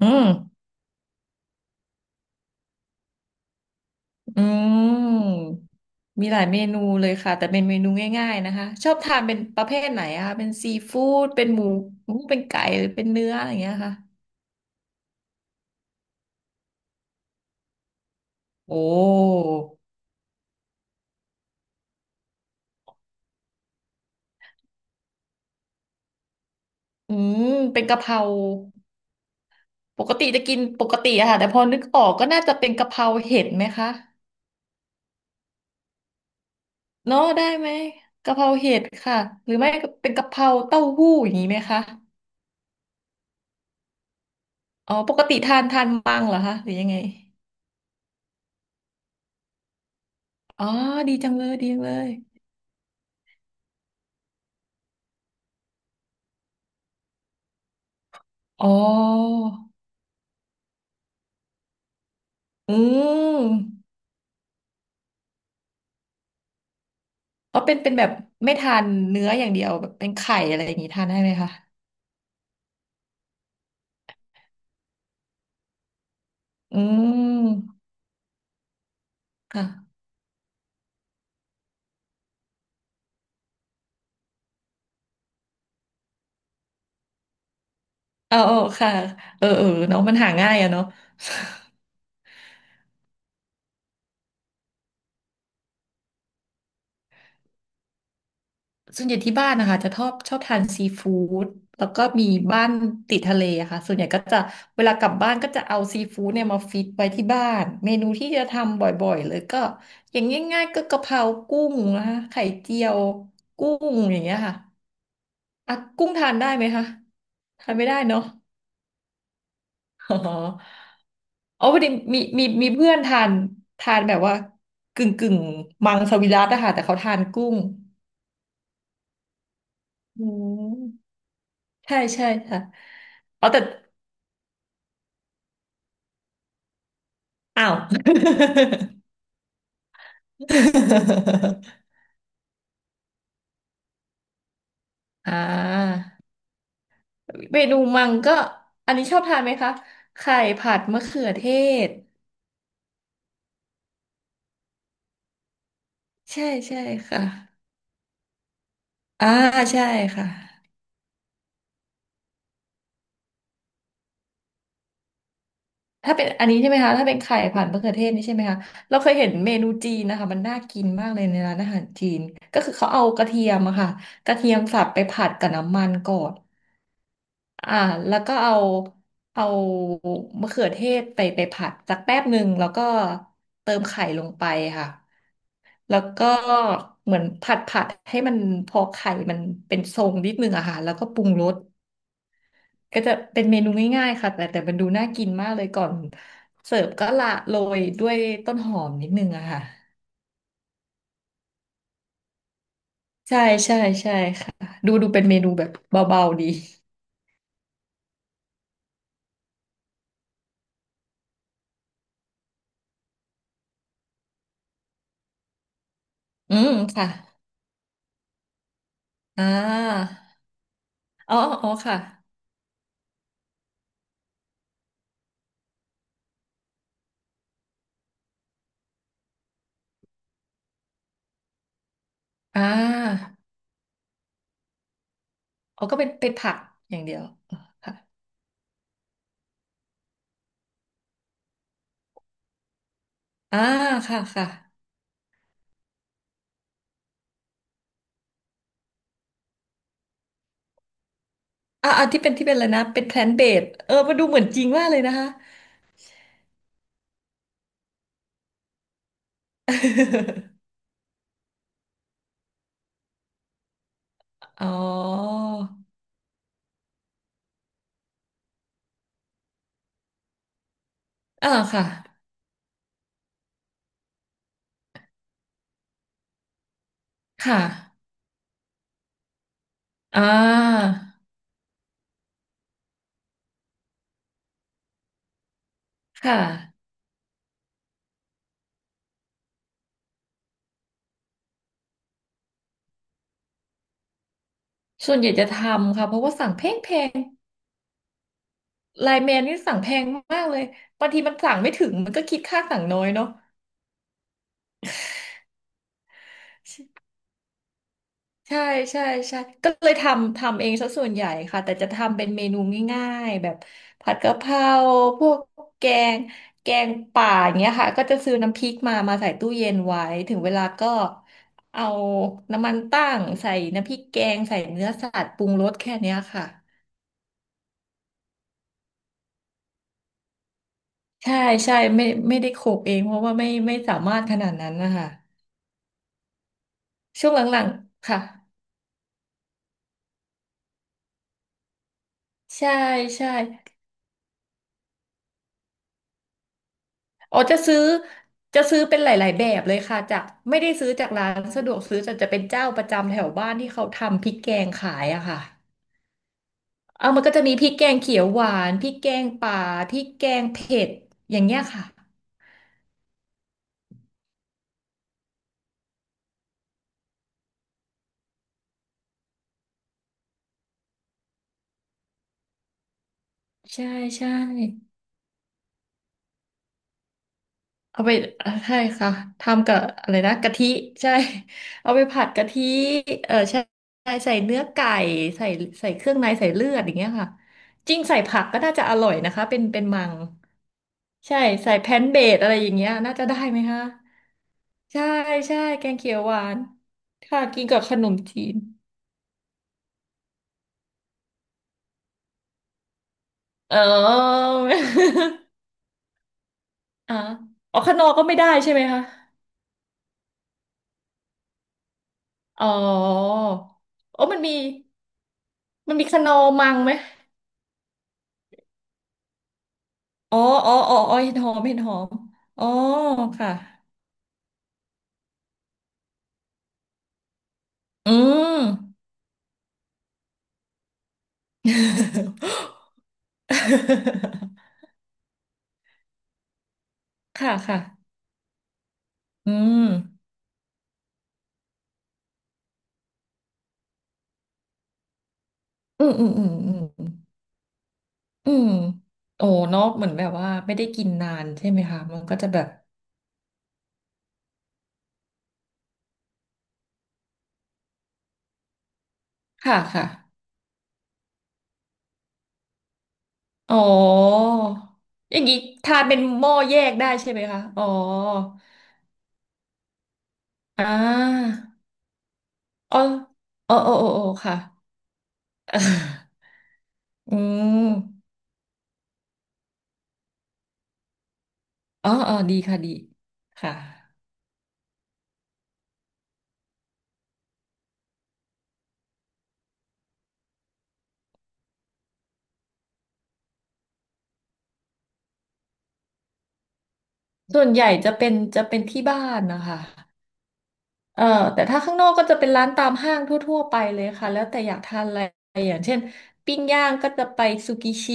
อืมอืมมีหลายเมนูเลยค่ะแต่เป็นเมนูง่ายๆนะคะชอบทานเป็นประเภทไหนอะคะเป็นซีฟู้ดเป็นหมูหมูเป็นไก่หรือเป็นเนื้ออะไรอย่างเงี้ยค่ะโอ้อืมเป็นกะเพราปกติจะกินปกติอะค่ะแต่พอนึกออกก็น่าจะเป็นกะเพราเห็ดไหมคะเนาะได้ไหมกะเพราเห็ดค่ะหรือไม่ก็เป็นกะเพราเต้าหู้อย่างนี้ไหมคะอ๋อปกติทานมังเหรอคะหรือยังไงอ๋อดีจังเลยดีจังเลยอ๋อ อืมอ๋อเป็นแบบไม่ทานเนื้ออย่างเดียวแบบเป็นไข่อะไรอย่างนี้ทานได้ไหมคะอืมค่ะเออเออค่ะเออเออเนาะมันหาง่ายอะเนาะ ส่วนใหญ่ที่บ้านนะคะจะชอบทานซีฟู้ดแล้วก็มีบ้านติดทะเลอะค่ะส่วนใหญ่ก็จะเวลากลับบ้านก็จะเอาซีฟู้ดเนี่ยมาฟิตไว้ที่บ้านเมนูที่จะทำบ่อยๆเลยก็อย่างง่ายๆก็กะเพรากุ้งนะคะไข่เจียวกุ้งอย่างเงี้ยค่ะ อ่ะกุ้งทานได้ไหมคะทานไม่ได้เนาะอ๋ออ๋อพอดีมีเพื่อนทานทานแบบว่ากึ่งมังสวิรัติอะค่ะแต่เขาทานกุ้งอืมใช่ใช่ค่ะเอาแต่อ้าว อ่าเมนูมังก็อันนี้ชอบทานไหมคะไข่ผัดมะเขือเทศใช่ใช่ค่ะอ่าใช่ค่ะ ถ้าเป็นอันนี้ใช่ไหมคะถ้าเป็นไข่ผัดมะเขือเทศนี่ใช่ไหมคะเราเคยเห็นเมนูจีนนะคะมันน่ากินมากเลยในร้านอาหารจีนก็คือเขาเอากระเทียมอะค่ะกระเทียมสับไปผัดกับน้ำมันก่อนอ่าแล้วก็เอามะเขือเทศไปผัดสักแป๊บหนึ่งแล้วก็เติมไข่ลงไปค่ะแล้วก็เหมือนผัดให้มันพอไข่มันเป็นทรงนิดนึงอะค่ะแล้วก็ปรุงรส ก็จะเป็นเมนูง่ายๆค่ะแต่มันดูน่ากินมากเลยก่อนเสิร์ฟก็ละโรยด้วยต้นหอมนิดนึงอะค่ะใช่ใช่ใช่ค่ะดูเป็นเมนูแบบเบาๆดีอืมค่ะอ่าอ๋ออ๋อค่ะอ่าอ๋อก็เป็นผักอย่างเดียวอ๋อค่ะอ่าค่ะค่ะอ่าอ่าที่เป็นอะไรนะเป็นแพลนเบสมาดูเหมือนจริงมากเลยนะคะ อ๋ออ่าค่ะค่ะอ่าค่ะ ส่วนใหญ่จะทำค่ะเพราะว่าสั่งแพงไลน์แมนนี่สั่งแพงมากเลยบางทีมันสั่งไม่ถึงมันก็คิดค่าสั่งน้อยเนาะใช่ใช่ใช่ก็เลยทำเองซะส่วนใหญ่ค่ะแต่จะทำเป็นเมนูง่ายๆแบบผัดกะเพราพวกแกงแกงป่าอย่างเงี้ยค่ะก็จะซื้อน้ำพริกมาใส่ตู้เย็นไว้ถึงเวลาก็เอาน้ำมันตั้งใส่น้ำพริกแกงใส่เนื้อสัตว์ปรุงรสแค่เนี้ยค่ะ ใช่ใช่ไม่ได้โขกเองเพราะว่าไม่สามารถขนาดนั้นนะคะช่วงหลังๆค่ะใช่ใช่อ๋อจะซื้อเป็นหลายๆแบบเลยค่ะจากไม่ได้ซื้อจากร้านสะดวกซื้อแต่จะเป็นเจ้าประจำแถวบ้านที่เขาทำพริกแกงขายอะค่ะเอามันก็จะมีพริกแกงเขียวหวานพริกแกงป่าพริกแกงเผ็ดอย่างเงี้ยค่ะใช่ใช่ เอาไปใช่ค่ะทำกับอะไรนะกะทิใช่ เอาไปผัดกะทิเออใช่ใช่ใส่เนื้อไก่ใส่ใส่เครื่องในใส่เลือดอย่างเงี้ยค่ะจริงใส่ผักก็น่าจะอร่อยนะคะเป็นมังใช่ใส่แพนเบดอะไรอย่างเงี้ยน่าจะได้ไหมคะใช่ใช่แกงเขียวหวานค่ะกินกับขนมจีนเออ อ่ะอ๋อขนอก็ไม่ได้ใช่ไหมคะอ๋อโอ้มันมีมันมีขนอมังไหม อ๋ออ๋ออ๋ออ๋อเห็ดหอมเห็ดหอมอ๋อค่ะอืม ค่ะค่ะอืมอืมอืมอืมอืมอืมโอ้เนอะเหมือนแบบว่าไม่ได้กินนานใช่ไหมคะมันก็จะแบบค่ะค่ะอ๋ออย่างนี้ทานเป็นหม้อแยกได้ใช่ไหมคะอ๋ออ่าอ๋ออ๋ออ๋ออ๋ออ๋อค่ะ อืมอ๋ออ๋อดีค่ะดีค่ะ ส่วนใหญ่จะเป็นที่บ้านนะคะเอ่อแต่ถ้าข้างนอกก็จะเป็นร้านตามห้างทั่วๆไปเลยค่ะแล้วแต่อยากทานอะไรอย่างเช่นปิ้งย่างก็จะไปซูกิชิ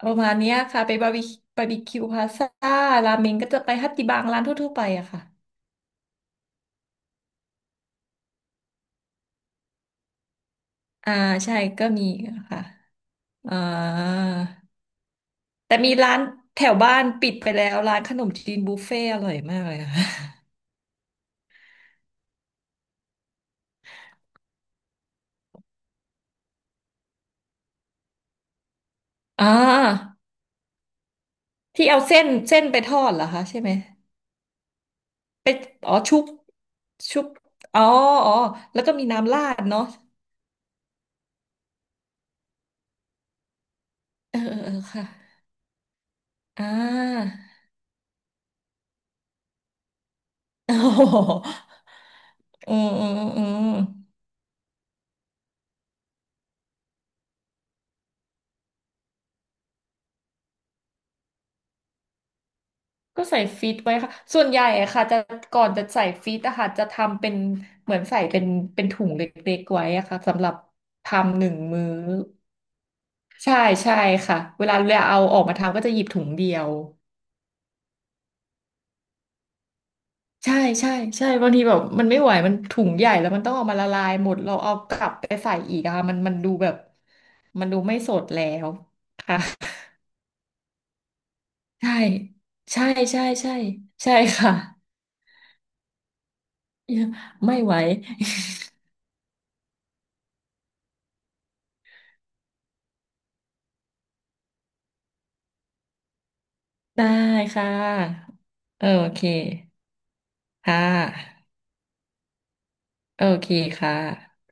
ประมาณเนี้ยค่ะไปบาร์บีบาร์บีคิวพาซ่าราเมงก็จะไปฮัตติบังร้านทั่วๆไปอะค่ะอ่าใช่ก็มีค่ะอ่าแต่มีร้านแถวบ้านปิดไปแล้ว ร้านขนมจีนบุฟเฟ่อร่อยมากเลยค่ะ อ่า ที่เอาเส้นไปทอดเหรอคะใช่ไหม เป็นอ๋อชุบชุบอ๋ออ๋อแล้วก็มีน้ำราดเนาะเออเออเออค่ะอ่า โอ้โหอืมอืมอืมก็ใส่ฟีดไว้ค่ะส่วนใหญ่อะค่ะจะก่อนจะใส่ฟีดอะค่ะจะทำเป็นเหมือนใส่เป็นถุงเล็กๆไว้อะค่ะสำหรับทำหนึ่งมื้อใช่ใช่ค่ะเวลาเราเอาออกมาทำก็จะหยิบถุงเดียว ใช่ใช่ใช่บางทีแบบมันไม่ไหวมันถุงใหญ่แล้วมันต้องเอามาละลายหมดเราเอากลับไปใส่อีกอะมันดูแบบมันดูไม่สดแล้วค่ะใช่ใช่ใช่ใช่ใช่ค่ะไม่ไหวได้ค่ะโอเคค่ะโอเคค่ะ